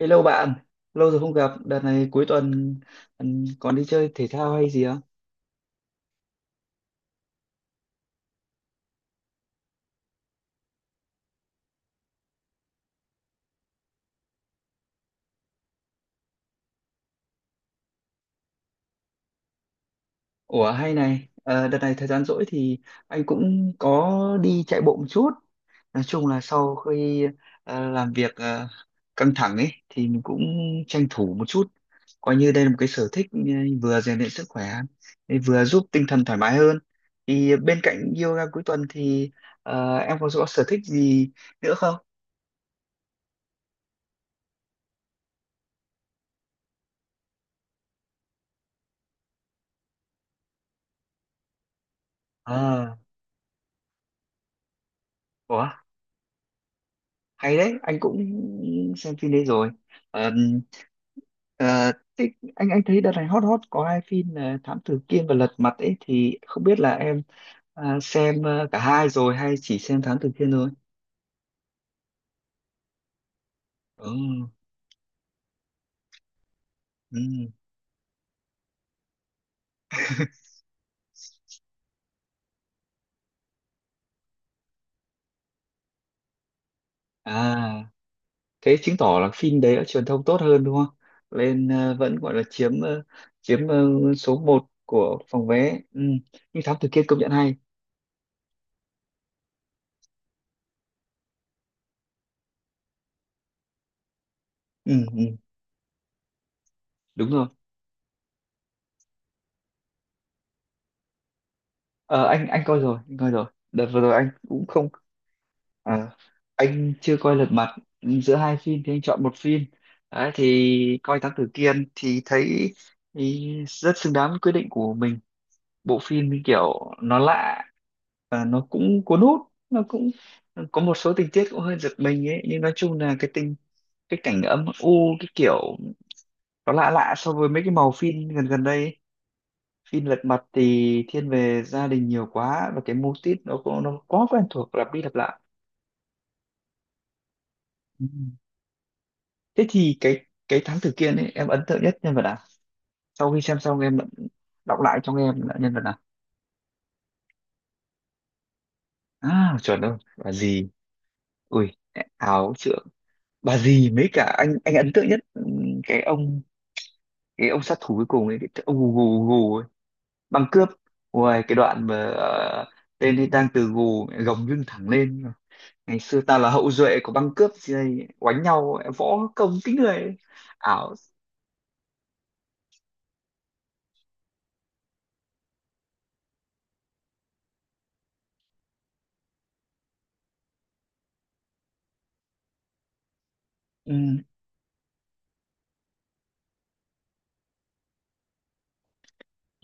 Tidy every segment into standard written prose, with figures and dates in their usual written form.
Hello bạn, lâu rồi không gặp, đợt này cuối tuần còn đi chơi thể thao hay gì không? Ủa hay này, đợt này thời gian rỗi thì anh cũng có đi chạy bộ một chút. Nói chung là sau khi làm việc căng thẳng ấy thì mình cũng tranh thủ một chút. Coi như đây là một cái sở thích, vừa rèn luyện sức khỏe, vừa giúp tinh thần thoải mái hơn. Thì bên cạnh yoga cuối tuần thì em có sở thích gì nữa không? À, ủa? Hay đấy, anh cũng xem phim đấy rồi. Ờm, Thế anh thấy đợt này hot hot có hai phim là Thám Tử Kiên và Lật Mặt ấy, thì không biết là em xem cả hai rồi hay chỉ xem Thám Tử Kiên thôi? Ừ. Ừ. À, thế chứng tỏ là phim đấy đã truyền thông tốt hơn đúng không, lên vẫn gọi là chiếm số một của phòng vé. Ừ, nhưng Thám Tử Kiên công nhận hay. Ừ, ừ. Đúng rồi. Ờ, anh coi rồi, đợt vừa rồi anh cũng không. Ờ, anh chưa coi Lật Mặt. Giữa hai phim thì anh chọn một phim đấy, thì coi Thám Tử Kiên thì thấy thì rất xứng đáng với quyết định của mình. Bộ phim như kiểu nó lạ và nó cũng cuốn hút, nó cũng có một số tình tiết cũng hơi giật mình ấy, nhưng nói chung là cái tình cái cảnh âm u cái kiểu nó lạ lạ so với mấy cái màu phim gần gần đây ấy. Phim Lật Mặt thì thiên về gia đình nhiều quá, và cái mô típ nó cũng nó quá quen thuộc, lặp đi lặp lại. Thế thì cái thám tử Kiên ấy, em ấn tượng nhất nhân vật nào, sau khi xem xong em đọc lại cho em là nhân vật nào? À chuẩn rồi, bà dì, ui áo trượng, bà dì mấy cả, anh ấn tượng nhất cái ông, cái ông sát thủ cuối cùng ấy, cái ông gù gù gù ấy, băng cướp, ngoài cái đoạn mà tên ấy đang từ gù gồng lưng thẳng lên, ngày xưa ta là hậu duệ của băng cướp gì đây, oánh nhau võ công kính người ấy. Ảo. Ừ,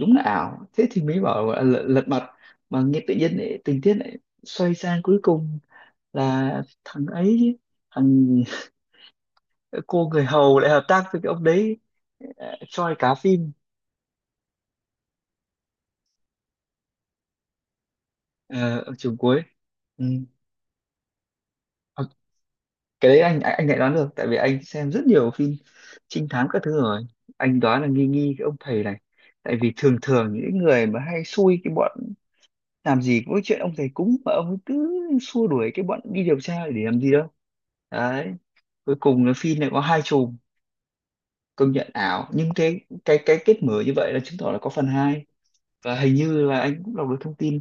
đúng là ảo, thế thì mới bảo là lật, lật mặt, mà nghe tự nhiên lại, tình tiết lại xoay sang cuối cùng là thằng ấy chứ, thằng cô người hầu lại hợp tác với cái ông đấy. Choi cá phim. Ờ, Ở trường cuối. Ừ. Ờ, cái đấy anh lại đoán được, tại vì anh xem rất nhiều phim trinh thám các thứ rồi. Anh đoán là nghi nghi cái ông thầy này, tại vì thường thường những người mà hay xui cái bọn, làm gì có cái chuyện ông thầy cúng mà ông ấy cứ xua đuổi cái bọn đi điều tra để làm gì đâu. Đấy, cuối cùng là phim này có hai chùm, công nhận ảo, nhưng cái kết mở như vậy là chứng tỏ là có phần hai. Và hình như là anh cũng đọc được thông tin,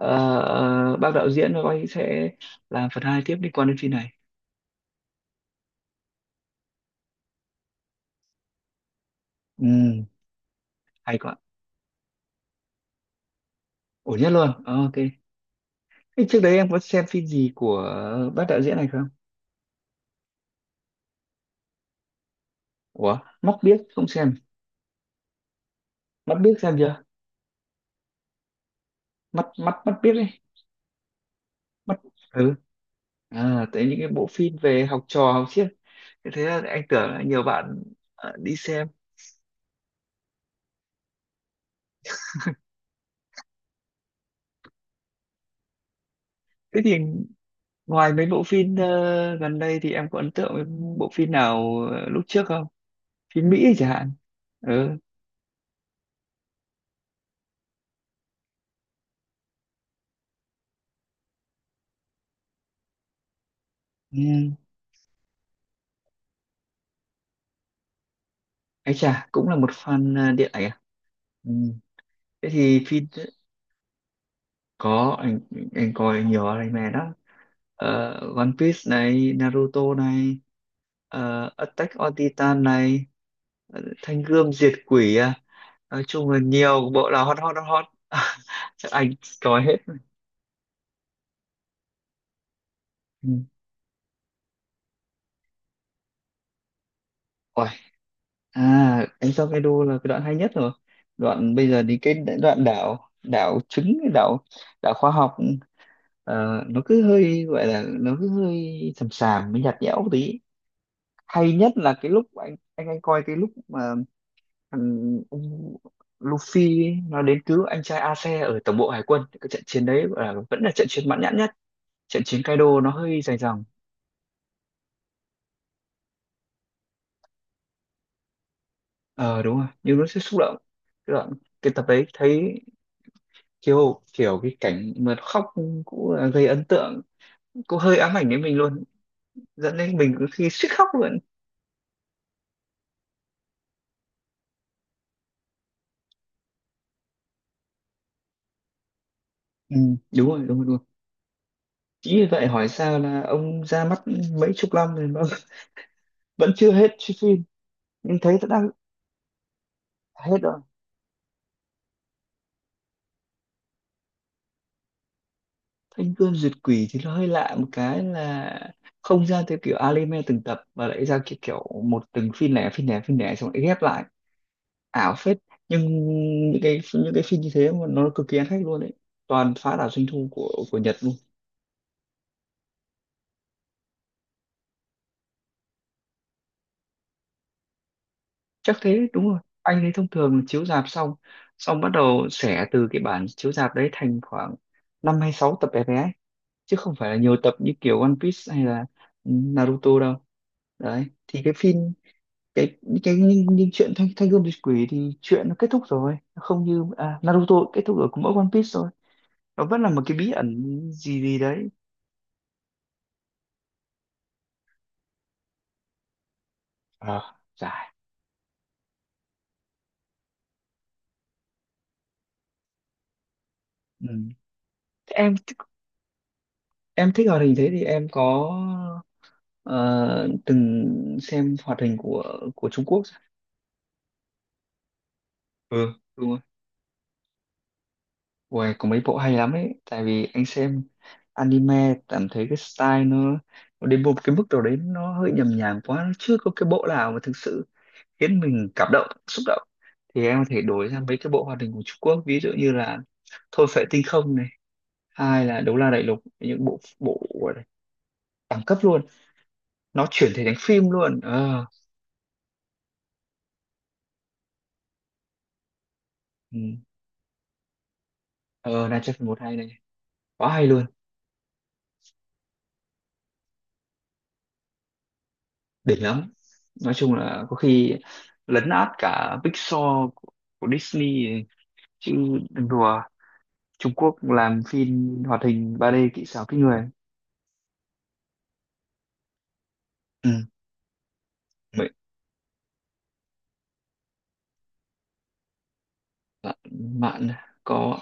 bác đạo diễn của anh sẽ làm phần hai tiếp liên quan đến phim này. Ừ, hay quá, ổn nhất luôn. Ờ, ok. Thế trước đấy em có xem phim gì của bác đạo diễn này không? Ủa, mắt biếc không xem? Mắt biếc xem chưa? Mắt mắt mắt biếc ấy. Mắt. Ừ. À tới những cái bộ phim về học trò học siếc, thế thế là anh tưởng là nhiều bạn đi xem. Thế thì ngoài mấy bộ phim gần đây thì em có ấn tượng với bộ phim nào lúc trước không? Phim Mỹ chẳng hạn. Ừ. Ừ. Ấy chà, cũng là một fan điện ảnh à? Ừ. Thế thì phim, có anh coi nhiều anime đó. Ờ, One Piece này, Naruto này, Attack on Titan này, Thanh Gươm Diệt Quỷ à. Nói chung là nhiều bộ là hot hot hot hot. Chắc anh coi hết. Ừ. Ôi, à anh Sao đô là cái đoạn hay nhất rồi, đoạn bây giờ đi cái đoạn đảo đảo trứng, cái đảo, đảo khoa học, nó cứ hơi gọi là nó cứ hơi sầm sàm mới nhạt nhẽo một tí. Hay nhất là cái lúc anh coi cái lúc mà thằng ông Luffy ấy, nó đến cứu anh trai Ace ở tổng bộ hải quân, cái trận chiến đấy gọi là vẫn là trận chiến mãn nhãn nhất. Trận chiến Kaido nó hơi dài dòng. Ờ đúng rồi, nhưng nó sẽ xúc động, cái đoạn cái tập đấy thấy kiểu kiểu cái cảnh mà khóc cũng là gây ấn tượng, cũng hơi ám ảnh đến mình luôn, dẫn đến mình có khi suýt khóc luôn. Ừ, đúng rồi. Chính vì vậy hỏi sao là ông ra mắt mấy chục năm rồi mà vẫn chưa hết chiếc phim. Nhưng thấy đã đang hết rồi. Thanh Gươm Duyệt Quỷ thì nó hơi lạ một cái là không ra theo kiểu anime từng tập, mà lại ra kiểu kiểu một từng phim lẻ xong lại ghép lại. Ảo phết. Nhưng những cái phim như thế mà nó cực kỳ ăn khách luôn đấy, toàn phá đảo doanh thu của Nhật. Chắc thế, đúng rồi anh ấy, thông thường là chiếu rạp xong, xong bắt đầu xẻ từ cái bản chiếu rạp đấy thành khoảng năm hay sáu tập bé bé ấy, chứ không phải là nhiều tập như kiểu One Piece hay là Naruto đâu. Đấy thì cái phim, cái những chuyện thanh thanh gươm diệt quỷ thì chuyện nó kết thúc rồi. Nó không như Naruto kết thúc ở của mỗi One Piece rồi, nó vẫn là một cái bí ẩn gì gì đấy. Ờ dài. Ừ. Thế em thích hoạt hình, thế thì em có ờ, từng xem hoạt hình của Trung Quốc chưa? Ừ đúng rồi. Uầy, có mấy bộ hay lắm ấy, tại vì anh xem anime cảm thấy cái style nó đến một cái mức độ đấy nó hơi nhầm nhàng quá, nó chưa có cái bộ nào mà thực sự khiến mình cảm động xúc động, thì em có thể đổi sang mấy cái bộ hoạt hình của Trung Quốc, ví dụ như là Thôi Phệ Tinh Không này, hai là Đấu La Đại Lục, những bộ bộ đẳng cấp luôn, nó chuyển thể thành phim luôn. Ờ, ừ. Ờ Nigel phần một hay này, quá hay luôn. Đỉnh lắm, nói chung là có khi lấn át cả Pixar của, của Disney ấy. Chứ đừng đùa, Trung Quốc làm phim hoạt hình ba d kỹ xảo kinh người. Ừ. Vậy bạn, bạn có,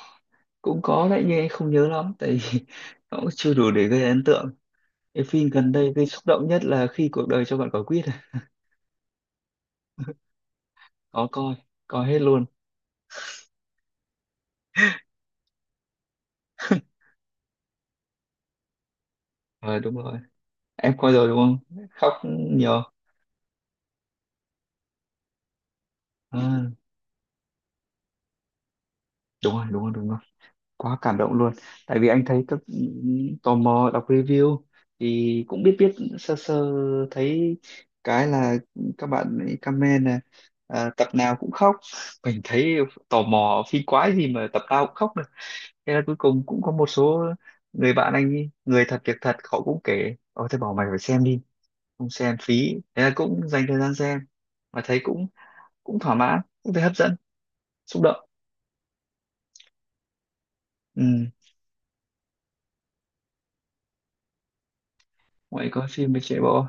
cũng có đấy nhưng em không nhớ lắm tại vì nó cũng chưa đủ để gây ấn tượng. Cái phim gần đây gây xúc động nhất là khi cuộc đời cho bạn quả quýt à. Có coi, coi hết luôn. Ờ đúng rồi, em coi rồi đúng không, khóc nhiều. À, đúng rồi, quá cảm động luôn. Tại vì anh thấy các, tò mò đọc review thì cũng biết biết sơ sơ, thấy cái là các bạn ấy comment là tập nào cũng khóc, mình thấy tò mò phi quái gì mà tập nào cũng khóc được, thế là cuối cùng cũng có một số người bạn anh ấy, người thật việc thật họ cũng kể, ôi thế bảo mày phải xem đi, không xem phí, thế là cũng dành thời gian xem, mà thấy cũng cũng thỏa mãn, cũng thấy hấp dẫn, xúc động. Ừ. Ngoại coi phim với trẻ bộ,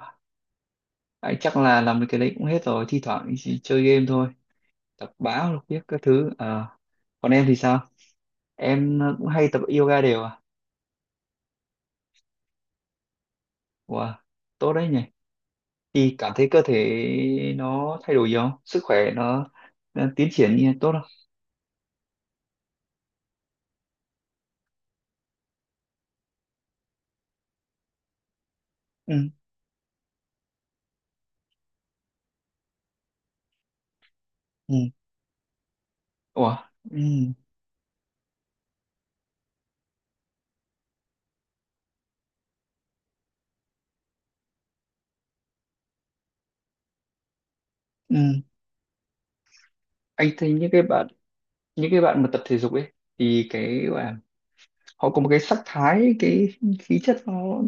ấy, chắc là làm được cái đấy cũng hết rồi, thi thoảng chỉ chơi game thôi, đọc báo đọc viết các thứ. Ờ, còn em thì sao, em cũng hay tập yoga đều à? Wow, tốt đấy nhỉ, thì cảm thấy cơ thể nó thay đổi gì không, sức khỏe nó tiến triển như tốt không? Ừ. Ừ. Ủa. Ừ. Ừ. Anh thấy những cái bạn, những cái bạn mà tập thể dục ấy, thì cái gọi là họ có một cái sắc thái, cái khí chất nó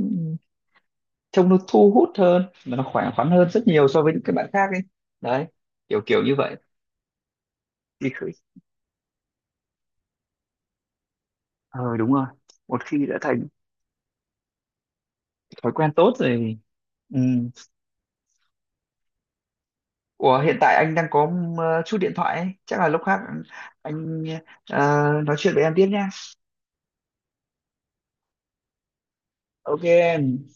trông nó thu hút hơn, nó khỏe khoắn hơn rất nhiều so với những cái bạn khác ấy, đấy, kiểu kiểu như vậy. thì khử- ờ đúng rồi, một khi đã thành thói quen tốt rồi. Ừ. Ủa hiện tại anh đang có chút điện thoại ấy. Chắc là lúc khác anh ờ, nói chuyện với em tiếp nha. Ok em.